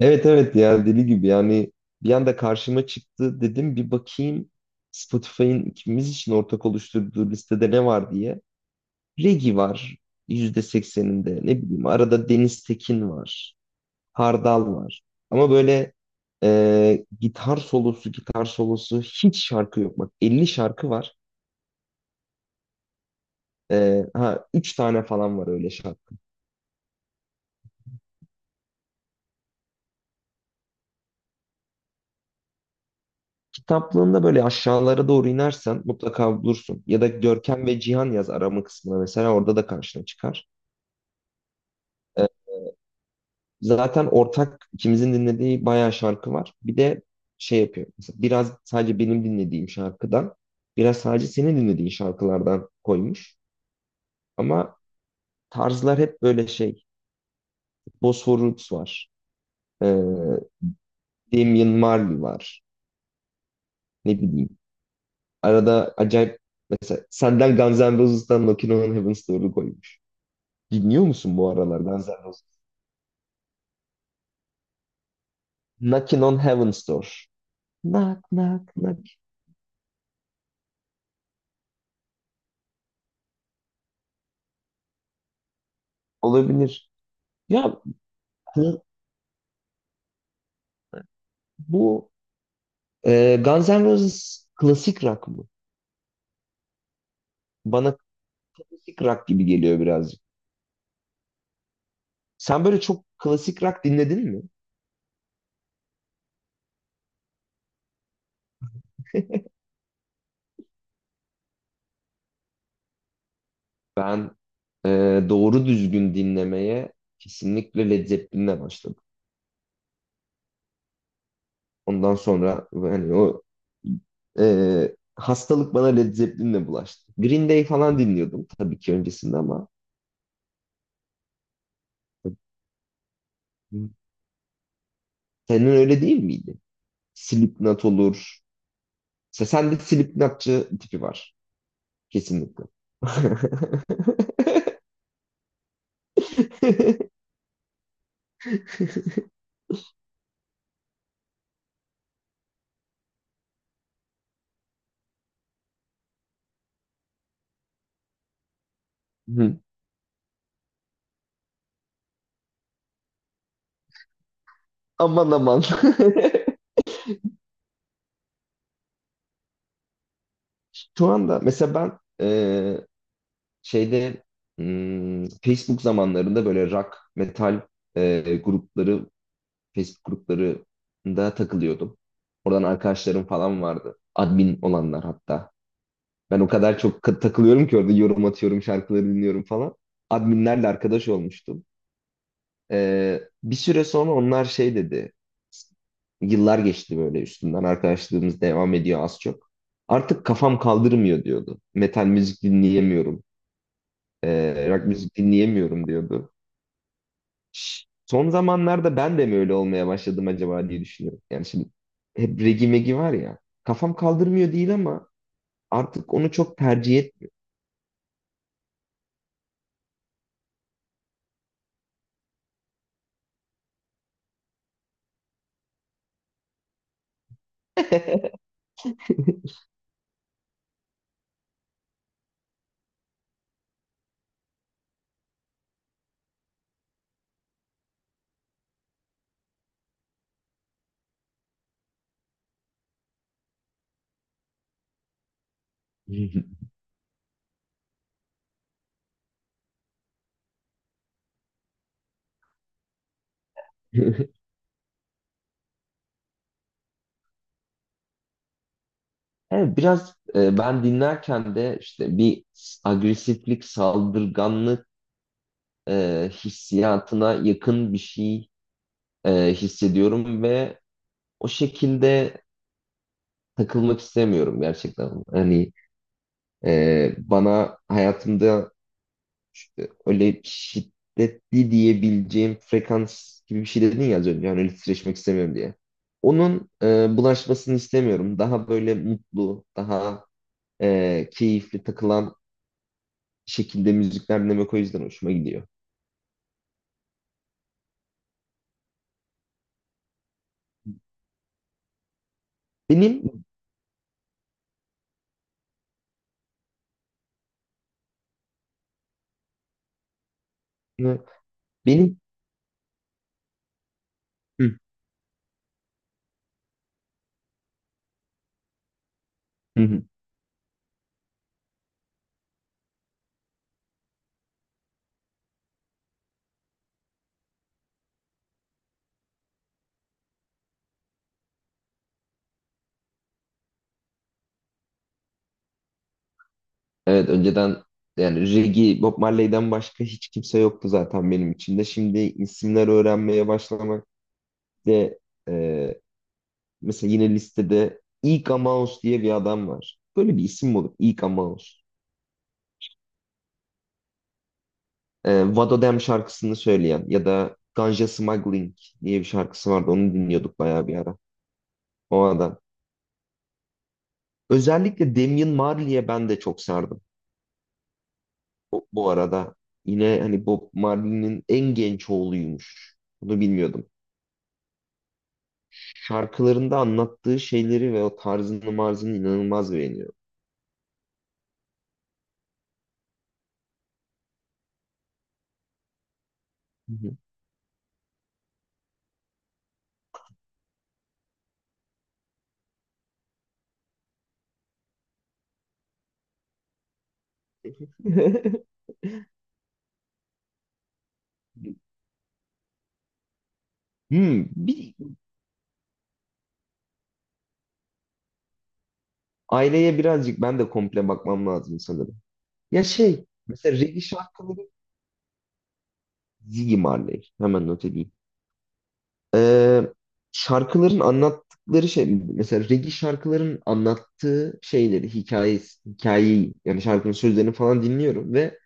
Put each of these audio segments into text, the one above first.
Evet, evet, ya, deli gibi yani. Bir anda karşıma çıktı, dedim bir bakayım Spotify'ın ikimiz için ortak oluşturduğu listede ne var diye. Regi var, %80'inde ne bileyim, arada Deniz Tekin var, Hardal var, ama böyle, gitar solosu gitar solosu hiç şarkı yok, bak, 50 şarkı var. Ha, 3 tane falan var öyle şarkı. Kitaplığında böyle aşağılara doğru inersen mutlaka bulursun, ya da Görkem ve Cihan yaz arama kısmına, mesela orada da karşına çıkar. Ee, Zaten ortak ikimizin dinlediği bayağı şarkı var. Bir de şey yapıyor. Mesela biraz sadece benim dinlediğim şarkıdan, biraz sadece senin dinlediğin şarkılardan koymuş. Ama tarzlar hep böyle şey. Bosphor Roots var. Ee, Damian Marley var. Ne bileyim. Arada acayip, mesela senden Guns N' Roses'tan Knockin' on Heaven's Door'u koymuş. Dinliyor musun bu aralar Guns N' Roses? Knockin' on Heaven's Door. Knock knock knock. Olabilir. Ya bu bu Guns N' Roses klasik rock mı? Bana klasik rock gibi geliyor birazcık. Sen böyle çok klasik rock dinledin mi? Ben, e, doğru düzgün dinlemeye kesinlikle Led Zeppelin'le başladım. Ondan sonra hani o, hastalık bana Led Zeppelin'le bulaştı. Green Day falan dinliyordum tabii ki öncesinde ama senin öyle değil miydi? Slipknot olur. Sende Slipknotçı tipi var kesinlikle. Aman aman. Şu anda mesela ben, e, şeyde, Facebook zamanlarında böyle rock, metal, grupları, Facebook gruplarında takılıyordum. Oradan arkadaşlarım falan vardı. Admin olanlar hatta. Ben o kadar çok takılıyorum ki orada yorum atıyorum, şarkıları dinliyorum falan. Adminlerle arkadaş olmuştum. Bir süre sonra onlar şey dedi. Yıllar geçti böyle üstünden. Arkadaşlığımız devam ediyor az çok. Artık kafam kaldırmıyor diyordu. Metal müzik dinleyemiyorum. Rock müzik dinleyemiyorum diyordu. Son zamanlarda ben de mi öyle olmaya başladım acaba diye düşünüyorum. Yani şimdi hep regi megi var ya. Kafam kaldırmıyor değil ama artık onu çok tercih etmiyorum. Evet, biraz ben dinlerken de işte bir agresiflik, saldırganlık, hissiyatına yakın bir şey hissediyorum ve o şekilde takılmak istemiyorum gerçekten. Hani, bana hayatımda işte öyle şiddetli diyebileceğim frekans gibi bir şey dedin ya az önce. Hani öyle titreşmek istemiyorum diye. Onun bulaşmasını istemiyorum. Daha böyle mutlu, daha keyifli takılan şekilde müzikler dinlemek o yüzden hoşuma gidiyor. Benim benim Hı. Evet, önceden yani Reggie Bob Marley'den başka hiç kimse yoktu zaten benim içinde. Şimdi isimler öğrenmeye başlamak de, e, mesela yine listede Ika Mouse diye bir adam var. Böyle bir isim mi olur? Ika Mouse. Vado Dem şarkısını söyleyen, ya da Ganja Smuggling diye bir şarkısı vardı. Onu dinliyorduk bayağı bir ara. O adam. Özellikle Damian Marley'e ben de çok sardım. Bu arada yine hani Bob Marley'nin en genç oğluymuş. Bunu bilmiyordum. Şarkılarında anlattığı şeyleri ve o tarzını marzını inanılmaz beğeniyorum. Hı hı. Bir aileye birazcık ben de komple bakmam lazım sanırım. Ya şey, mesela reggae şarkıları. Ziggy Marley. Hemen not edeyim. Ee, Şarkıların anlattıkları şey, mesela reggae şarkıların anlattığı şeyleri, hikayeyi, yani şarkının sözlerini falan dinliyorum ve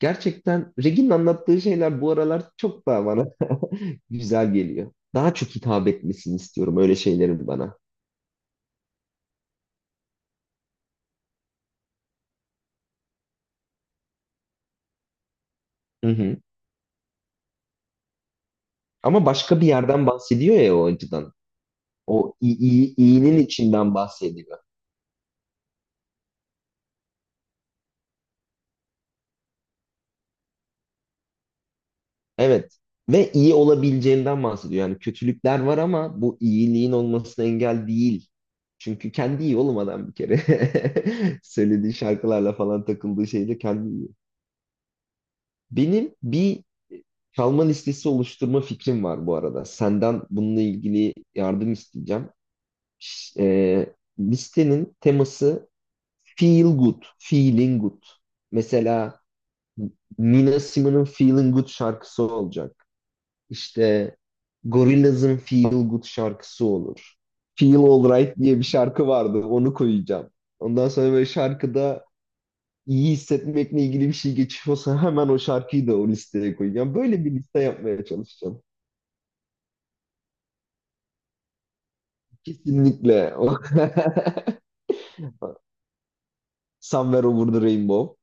gerçekten Regin'in anlattığı şeyler bu aralar çok daha bana güzel geliyor. Daha çok hitap etmesini istiyorum öyle şeylerin bana. Hı hı. Ama başka bir yerden bahsediyor ya o acıdan. O iyinin içinden bahsediyor. Evet. Ve iyi olabileceğinden bahsediyor. Yani kötülükler var ama bu iyiliğin olmasına engel değil. Çünkü kendi iyi olmadan bir kere söylediği şarkılarla falan takıldığı şeyle kendi iyi. Benim bir e, çalma listesi oluşturma fikrim var bu arada. Senden bununla ilgili yardım isteyeceğim. Listenin teması feel good, feeling good. Mesela Nina Simone'un Feeling Good şarkısı olacak. İşte Gorillaz'ın Feel Good şarkısı olur. Feel Alright diye bir şarkı vardı. Onu koyacağım. Ondan sonra böyle, şarkıda iyi hissetmekle ilgili bir şey geçiyorsa, hemen o şarkıyı da o listeye koyacağım. Böyle bir liste yapmaya çalışacağım. Kesinlikle. Somewhere Over the Rainbow.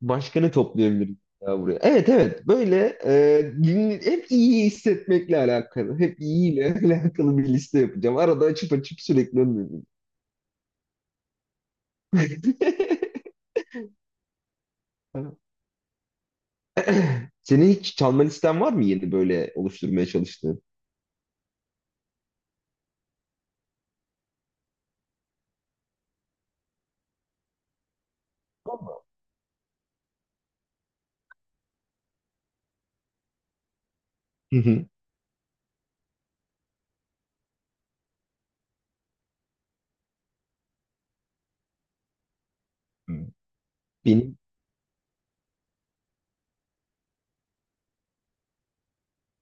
Başka ne toplayabiliriz ya buraya? Evet, evet, böyle hep iyi hissetmekle alakalı. Hep iyiyle alakalı bir liste yapacağım. Arada açıp açıp sürekli önüme geliyor. Senin hiç çalma listen var mı, yeni böyle oluşturmaya çalıştığın? Hı hı. Benim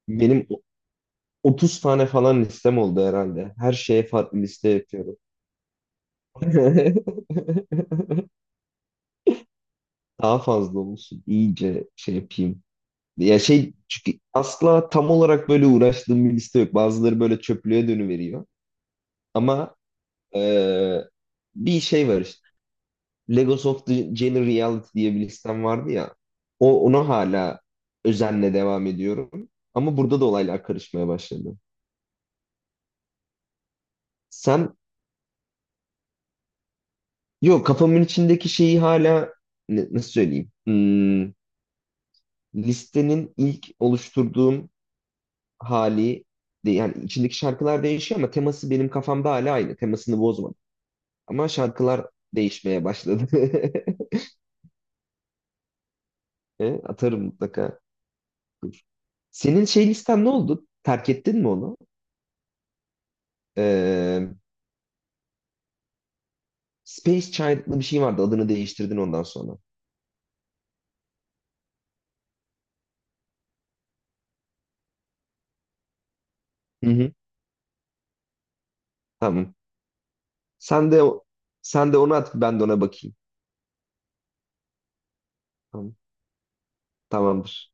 benim 30 tane falan listem oldu herhalde. Her şeye farklı liste yapıyorum. Daha fazla olsun. İyice şey yapayım. Ya şey, çünkü asla tam olarak böyle uğraştığım bir liste yok. Bazıları böyle çöplüğe dönüveriyor. Ama eee, bir şey var işte. Legos of the Jane Reality diye bir listem vardı ya. Ona hala özenle devam ediyorum. Ama burada da olaylar karışmaya başladı. Sen Yok, kafamın içindeki şeyi hala nasıl söyleyeyim? Listenin ilk oluşturduğum hali, yani içindeki şarkılar değişiyor ama teması benim kafamda hala aynı. Temasını bozmadım. Ama şarkılar değişmeye başladı. Atarım mutlaka. Dur. Senin şey listen ne oldu? Terk ettin mi onu? Ee, Space Child'lı bir şey vardı. Adını değiştirdin ondan sonra. Hı hı. Tamam. Sen de o- Sen de onu at, ben de ona bakayım. Tamam. Tamamdır.